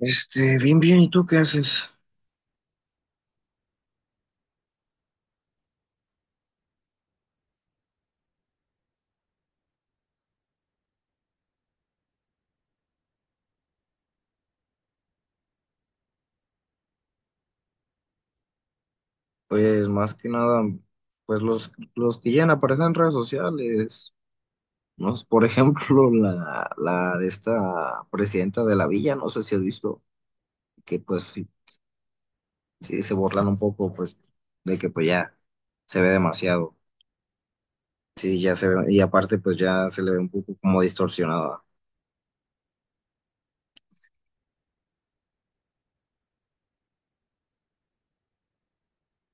Bien, bien, ¿y tú qué haces? Pues más que nada, pues los que ya aparecen en redes sociales, ¿no? Por ejemplo, la de esta presidenta de la villa, no sé si has visto, que pues sí, sí se burlan un poco, pues, de que pues ya se ve demasiado. Sí, ya se ve, y aparte pues ya se le ve un poco como distorsionada.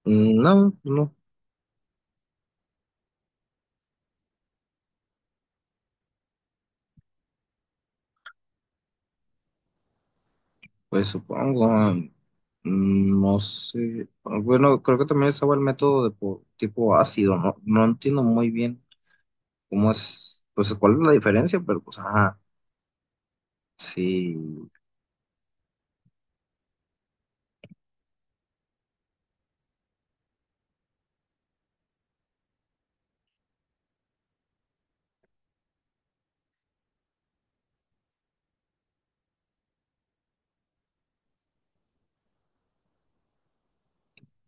Mm, no, no. Pues supongo, no sé. Bueno, creo que también estaba el método de tipo ácido, ¿no? No entiendo muy bien cómo es, pues cuál es la diferencia, pero pues ajá, sí,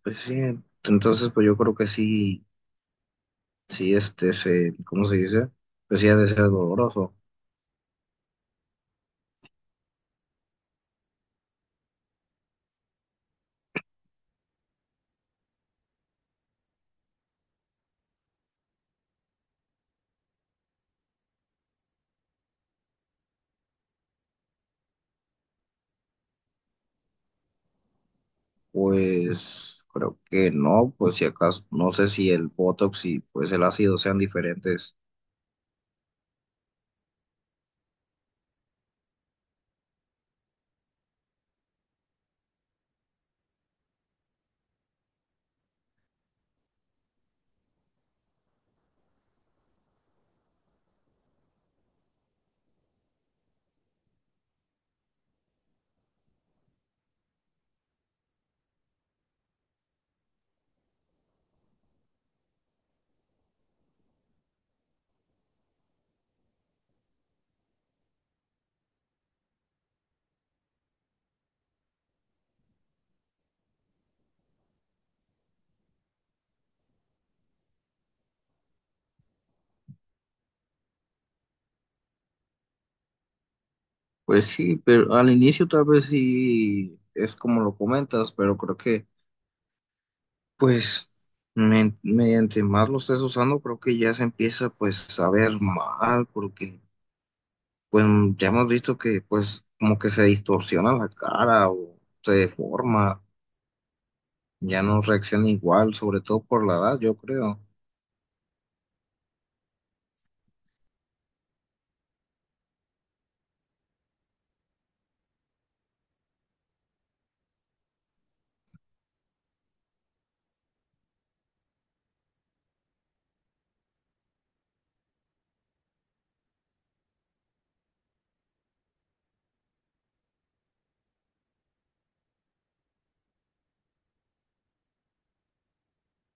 pues sí. Entonces, pues yo creo que sí, sí, ¿cómo se dice? Pues sí ha de ser doloroso. Pues creo que no, pues si acaso, no sé si el Botox y pues el ácido sean diferentes. Pues sí, pero al inicio tal vez sí es como lo comentas, pero creo que pues mediante más lo estés usando, creo que ya se empieza pues a ver mal, porque pues ya hemos visto que pues como que se distorsiona la cara o se deforma, ya no reacciona igual, sobre todo por la edad, yo creo.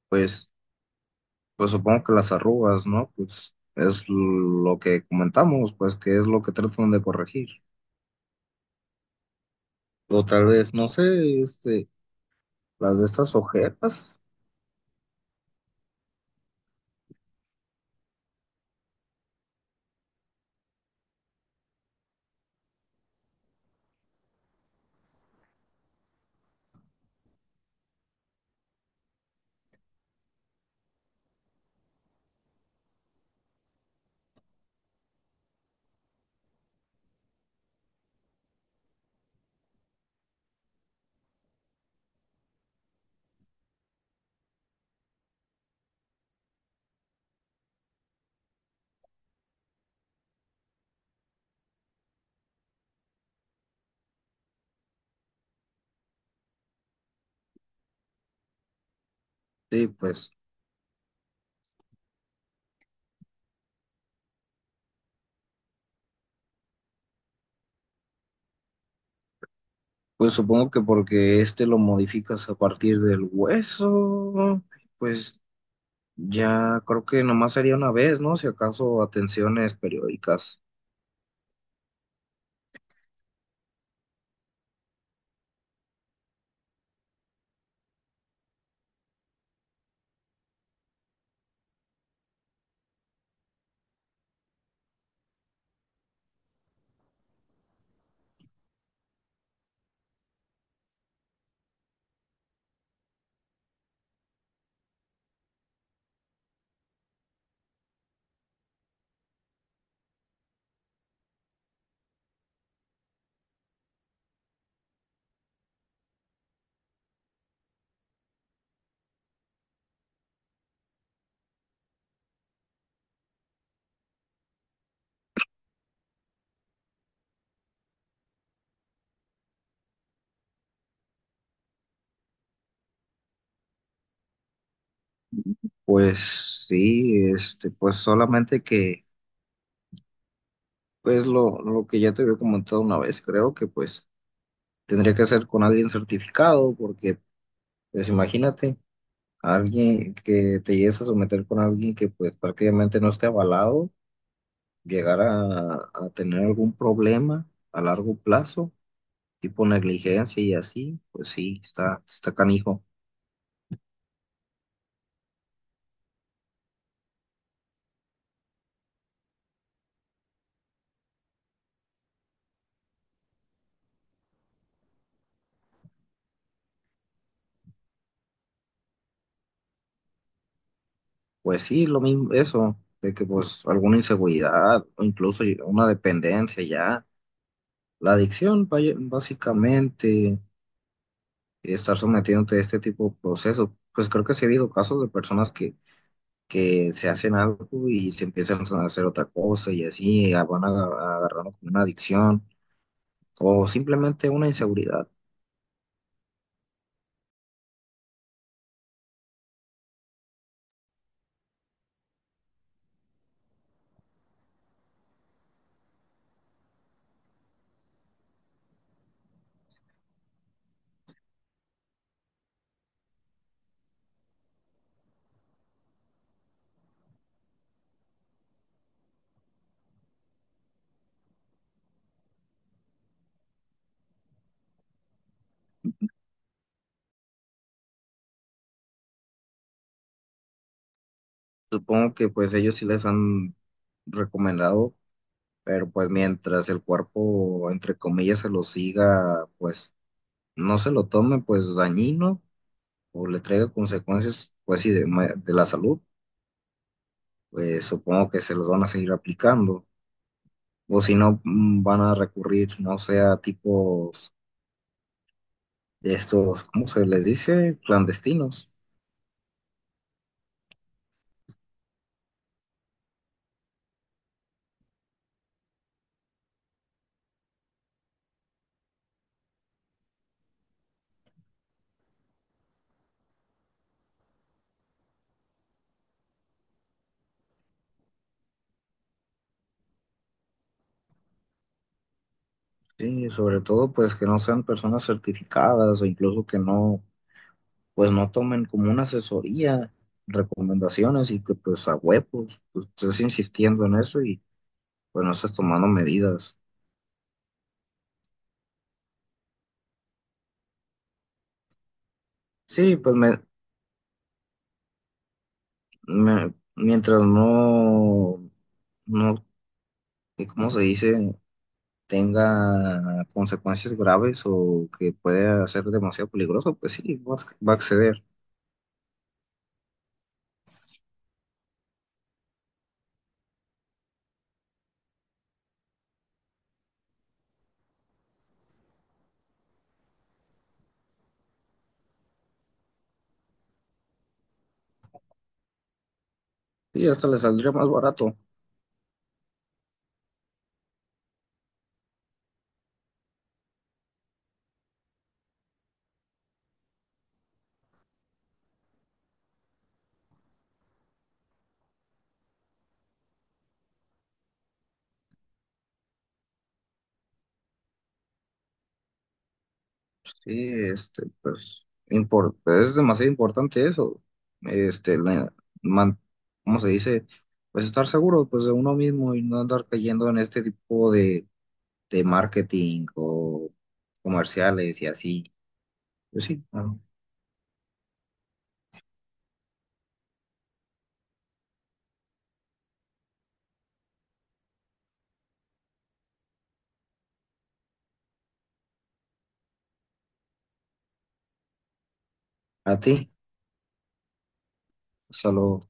Pues, pues supongo que las arrugas, ¿no? Pues es lo que comentamos, pues que es lo que tratan de corregir. O tal vez, no sé, este, las de estas ojeras, sí, pues. Pues supongo que porque este lo modificas a partir del hueso, pues ya creo que nomás sería una vez, ¿no? Si acaso atenciones periódicas. Pues sí, este, pues solamente que, pues lo que ya te había comentado una vez, creo que pues tendría que ser con alguien certificado, porque pues imagínate, alguien que te llegues a someter con alguien que pues prácticamente no esté avalado, llegar a tener algún problema a largo plazo. Tipo negligencia y así, pues sí, está canijo. Pues sí, lo mismo, eso, de que pues alguna inseguridad o incluso una dependencia ya, la adicción, básicamente, estar sometiéndote a este tipo de procesos, pues creo que sí ha habido casos de personas que se hacen algo y se empiezan a hacer otra cosa y así van agarrando como una adicción o simplemente una inseguridad. Supongo que pues ellos sí les han recomendado, pero pues mientras el cuerpo, entre comillas, se lo siga, pues no se lo tome, pues dañino o le traiga consecuencias, pues sí, de, de la salud, pues supongo que se los van a seguir aplicando, o si no, van a recurrir, no sé, a tipos de estos, ¿cómo se les dice? Clandestinos. Sí, sobre todo pues que no sean personas certificadas o incluso que no, pues no tomen como una asesoría, recomendaciones y que pues a huevos, pues estés insistiendo en eso y pues no estás tomando medidas. Sí, mientras no, no, ¿y ¿cómo se dice? Tenga consecuencias graves o que pueda ser demasiado peligroso, pues sí, va a acceder. Y hasta le saldría más barato. Sí, este, pues, pues, es demasiado importante eso, este, la- man- ¿cómo se dice? Pues estar seguro, pues, de uno mismo y no andar cayendo en este tipo de marketing o comerciales y así. Pues sí, a ti, solo